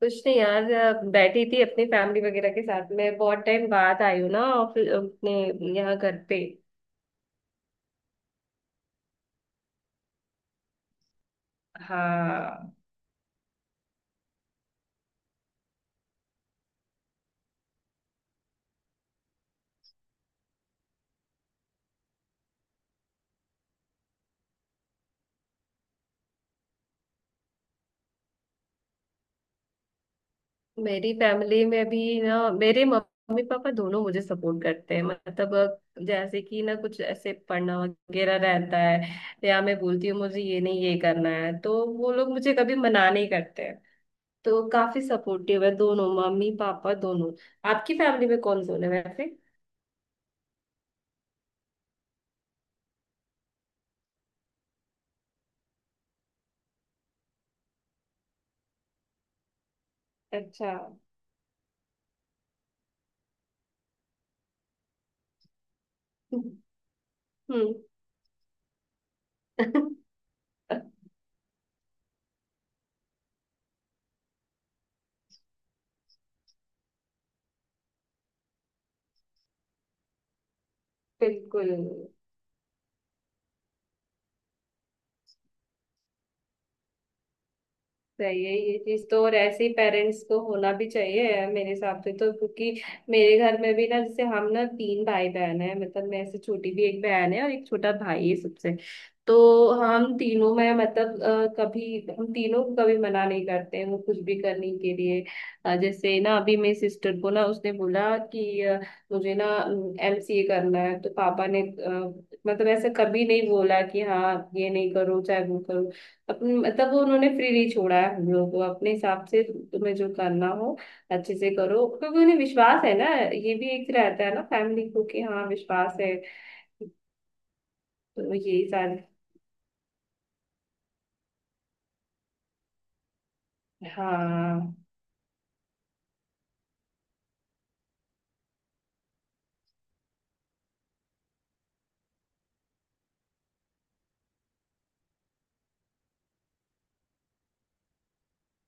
कुछ नहीं यार बैठी थी अपनी फैमिली वगैरह के साथ में बहुत टाइम बाद आई हूँ ना ऑफिस अपने यहाँ घर पे। हाँ, मेरी फैमिली में भी ना मेरे मम्मी पापा दोनों मुझे सपोर्ट करते हैं। मतलब जैसे कि ना कुछ ऐसे पढ़ना वगैरह रहता है या मैं बोलती हूँ मुझे ये नहीं ये करना है तो वो लोग मुझे कभी मना नहीं करते हैं। तो काफी सपोर्टिव है दोनों, मम्मी पापा दोनों। आपकी फैमिली में कौन कौन है वैसे? अच्छा। हम्म। बिल्कुल। सही है ये चीज तो, और ऐसे ही पेरेंट्स को होना भी चाहिए मेरे हिसाब से, तो क्योंकि मेरे घर में भी ना जैसे हम ना तीन भाई बहन है। मतलब मैं से छोटी भी एक बहन है और एक छोटा भाई है सबसे। तो हम तीनों में मतलब कभी हम तीनों को कभी मना नहीं करते हैं वो कुछ भी करने के लिए। जैसे ना अभी मेरी सिस्टर को ना उसने बोला कि मुझे ना एमसीए करना है तो पापा ने मतलब ऐसे कभी नहीं बोला कि हाँ ये नहीं करो चाहे वो करो। तब उन्होंने फ्री नहीं छोड़ा है हम लोगों को अपने हिसाब से तुम्हें जो करना हो अच्छे से करो, क्योंकि उन्हें विश्वास है ना, ये भी एक रहता है ना फैमिली को कि हाँ विश्वास है। तो ये सारी। हाँ।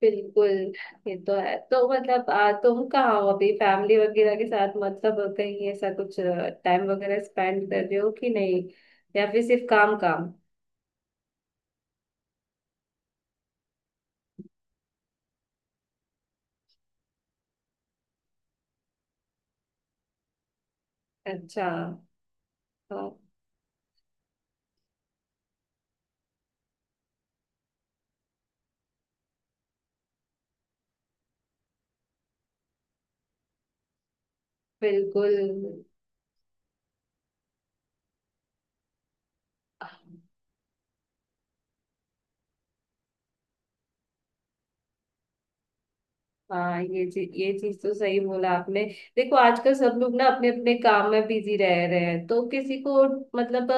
बिल्कुल। ये तो है। तो मतलब तुम कहाँ हो अभी फैमिली वगैरह के साथ, मतलब कहीं ऐसा कुछ टाइम वगैरह स्पेंड कर रहे हो कि नहीं, या फिर सिर्फ काम काम? अच्छा। हाँ। बिल्कुल। हाँ, ये चीज तो सही बोला आपने। देखो आजकल सब लोग ना अपने अपने काम में बिजी रह रहे हैं, तो किसी को मतलब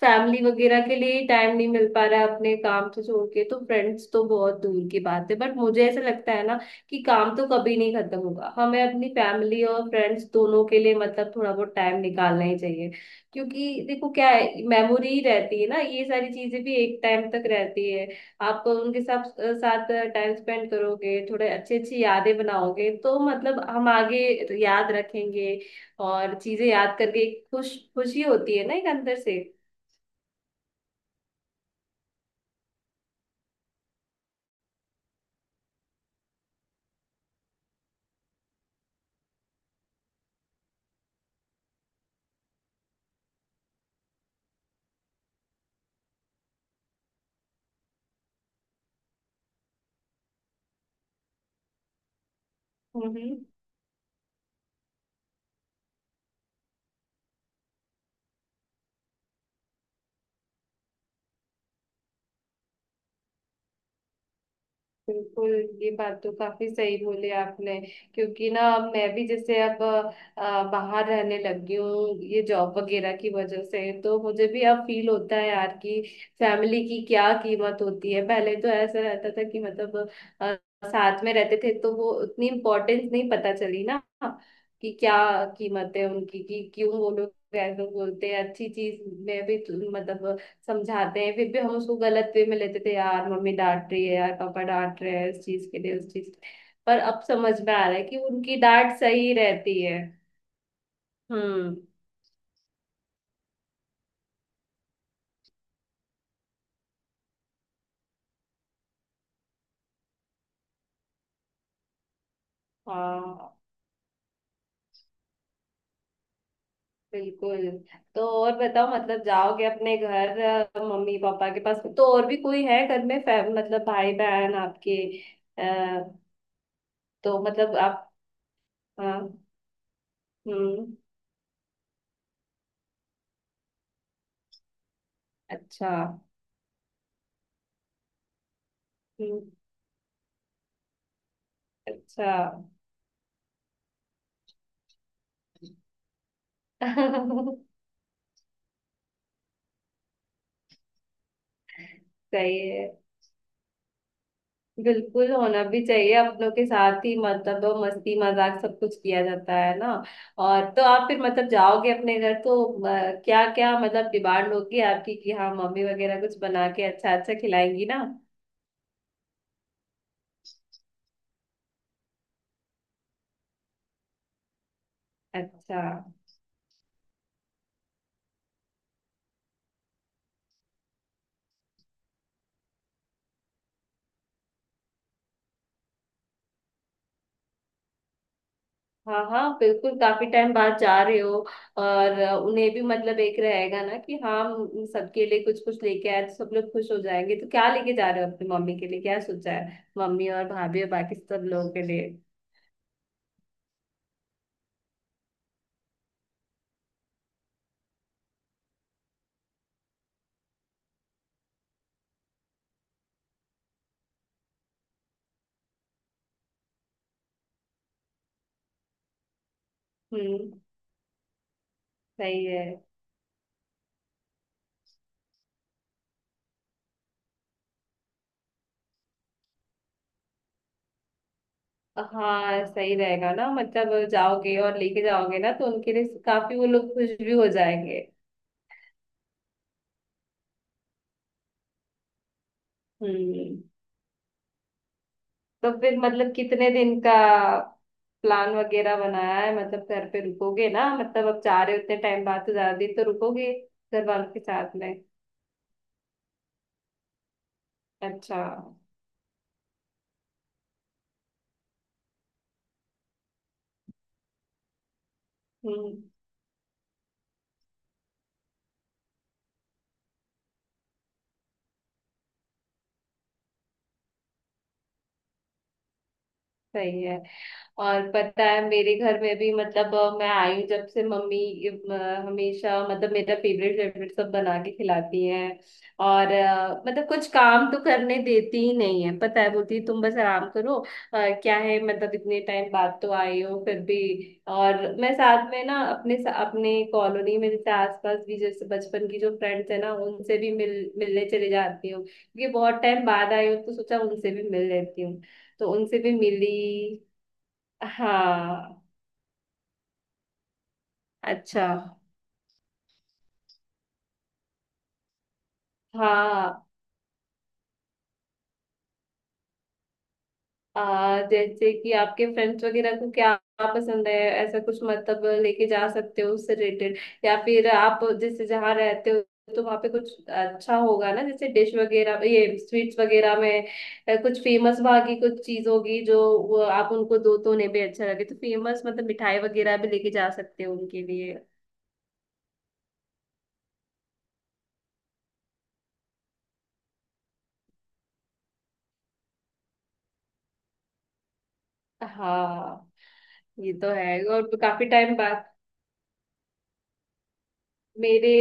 फैमिली वगैरह के लिए टाइम नहीं मिल पा रहा है अपने काम से छोड़ के। तो फ्रेंड्स तो बहुत दूर की बात है, बट मुझे ऐसा लगता है ना कि काम तो कभी नहीं खत्म होगा, हमें अपनी फैमिली और फ्रेंड्स दोनों के लिए मतलब थोड़ा बहुत टाइम निकालना ही चाहिए। क्योंकि देखो क्या है, मेमोरी ही रहती है ना, ये सारी चीजें भी एक टाइम तक रहती है। आप उनके साथ साथ टाइम स्पेंड करोगे, थोड़े अच्छी अच्छी यादें बनाओगे तो मतलब हम आगे याद रखेंगे। और चीजें याद करके एक खुश खुशी होती है ना एक अंदर से। हम्म। बिल्कुल। ये बात तो काफी सही बोले आपने, क्योंकि ना अब मैं भी जैसे अब बाहर रहने लगी हूँ ये जॉब वगैरह की वजह से, तो मुझे भी अब फील होता है यार कि फैमिली की क्या कीमत होती है। पहले तो ऐसा रहता था कि मतलब अ, साथ में रहते थे तो वो उतनी इम्पोर्टेंस नहीं पता चली ना कि क्या कीमत है उनकी, कि क्यों वो लोग ऐसा बोलते हैं। अच्छी चीज में भी तो मतलब समझाते हैं, फिर भी हम उसको गलत वे में लेते थे, यार मम्मी डांट रही है, यार पापा डांट रहे हैं इस चीज के लिए, उस चीज पर। अब समझ में आ रहा है कि उनकी डांट सही रहती है। हम्म। हाँ। बिल्कुल। तो और बताओ, मतलब जाओगे अपने घर मम्मी पापा के पास, तो और भी कोई है घर में फैम मतलब भाई बहन आपके? आ, तो मतलब आप। हाँ। हम्म। अच्छा। हम्म। अच्छा। सही है। बिल्कुल होना भी चाहिए अपनों के साथ ही, मतलब वो मस्ती मजाक सब कुछ किया जाता है ना। और तो आप फिर मतलब जाओगे अपने घर तो क्या क्या मतलब डिमांड होगी आपकी कि हाँ मम्मी वगैरह कुछ बना के अच्छा अच्छा खिलाएंगी ना? अच्छा। हाँ हाँ बिल्कुल, काफी टाइम बाद जा रहे हो। और उन्हें भी मतलब एक रहेगा ना कि हाँ हम सबके लिए कुछ कुछ लेके आए तो सब लोग खुश हो जाएंगे। तो क्या लेके जा रहे हो अपनी मम्मी के लिए, क्या सोचा है मम्मी और भाभी और बाकी सब लोगों के लिए? हम्म। सही है। हाँ सही रहेगा ना, मतलब जाओगे और लेके जाओगे ना तो उनके लिए काफी, वो लोग खुश भी हो जाएंगे। हम्म। तो फिर मतलब कितने दिन का प्लान वगैरह बनाया है, मतलब घर पे रुकोगे ना, मतलब अब जा रहे हो उतने टाइम बाद तो ज्यादा दिन तो रुकोगे घर वालों के साथ में? अच्छा। हम्म। सही है। और पता है मेरे घर में भी मतलब मैं आई हूँ जब से मम्मी अ, हमेशा मतलब मेरा फेवरेट फेवरेट सब बना के खिलाती हैं। और मतलब कुछ काम तो करने देती ही नहीं है, पता है बोलती है, तुम बस आराम करो। क्या है मतलब इतने टाइम बाद तो आई हो फिर भी। और मैं साथ में ना अपने अपने कॉलोनी में जैसे आसपास भी, जैसे बचपन की जो फ्रेंड्स है ना उनसे भी मिलने चले जाती हूँ, क्योंकि बहुत टाइम बाद आई हूँ तो सोचा उनसे भी मिल लेती हूँ। तो उनसे भी मिली। हाँ। अच्छा। हाँ। जैसे कि आपके फ्रेंड्स वगैरह को क्या पसंद है, ऐसा कुछ मतलब लेके जा सकते हो उससे रिलेटेड। या फिर आप जैसे जहाँ रहते हो तो वहाँ पे कुछ अच्छा होगा ना, जैसे डिश वगैरह, ये स्वीट्स वगैरह में कुछ फेमस वहाँ की कुछ चीज होगी जो वो आप उनको दो तो उन्हें भी अच्छा लगे। तो फेमस मतलब मिठाई वगैरह भी लेके जा सकते हो उनके लिए। हाँ ये तो है, और काफी टाइम बाद। मेरे,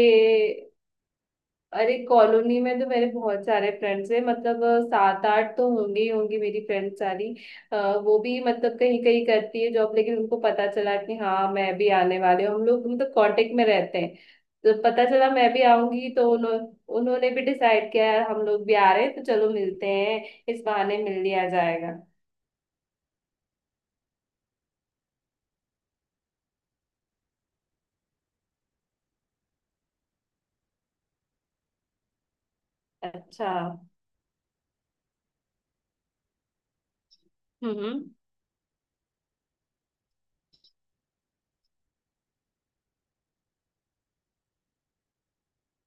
अरे कॉलोनी में तो मेरे बहुत सारे फ्रेंड्स हैं। मतलब सात आठ तो होंगे ही, होंगी मेरी फ्रेंड्स सारी। अ, वो भी मतलब कहीं कहीं करती है जॉब, लेकिन उनको पता चला कि हाँ मैं भी आने वाले हूँ, हम लोग मतलब कांटेक्ट में रहते हैं। तो पता चला मैं भी आऊंगी तो उन्होंने भी डिसाइड किया यार हम लोग भी आ रहे हैं तो चलो मिलते हैं, इस बहाने मिल लिया जाएगा। अच्छा। हम्म।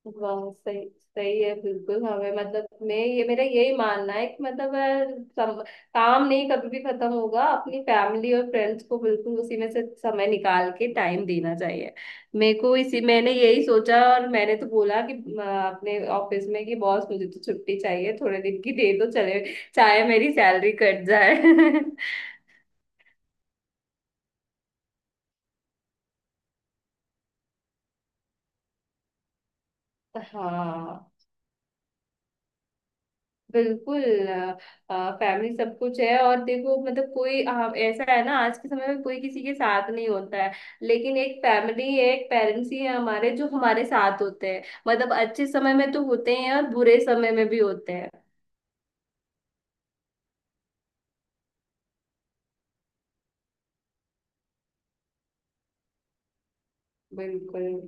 वाह सही। सही है। बिल्कुल हमें मतलब मैं ये मेरा यही मानना है कि मतलब काम नहीं कभी भी खत्म होगा, अपनी फैमिली और फ्रेंड्स को बिल्कुल उसी में से समय निकाल के टाइम देना चाहिए। मेरे को इसी मैंने यही सोचा और मैंने तो बोला कि अ, अपने ऑफिस में कि बॉस मुझे तो छुट्टी चाहिए थोड़े दिन की दे दो चले, चाहे मेरी सैलरी कट जाए। हाँ। बिल्कुल। फैमिली सब कुछ है, और देखो मतलब कोई ऐसा है ना, आज के समय में कोई किसी के साथ नहीं होता है, लेकिन एक फैमिली है, एक पेरेंट्स ही है हमारे जो हमारे साथ होते हैं, मतलब अच्छे समय में तो होते ही हैं और बुरे समय में भी होते हैं। बिल्कुल।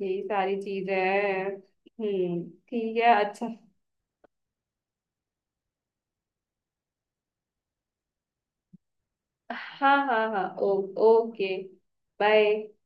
यही सारी चीजें हैं। हम्म। ठीक है। अच्छा। हाँ हाँ हाँ। ओके। बाय।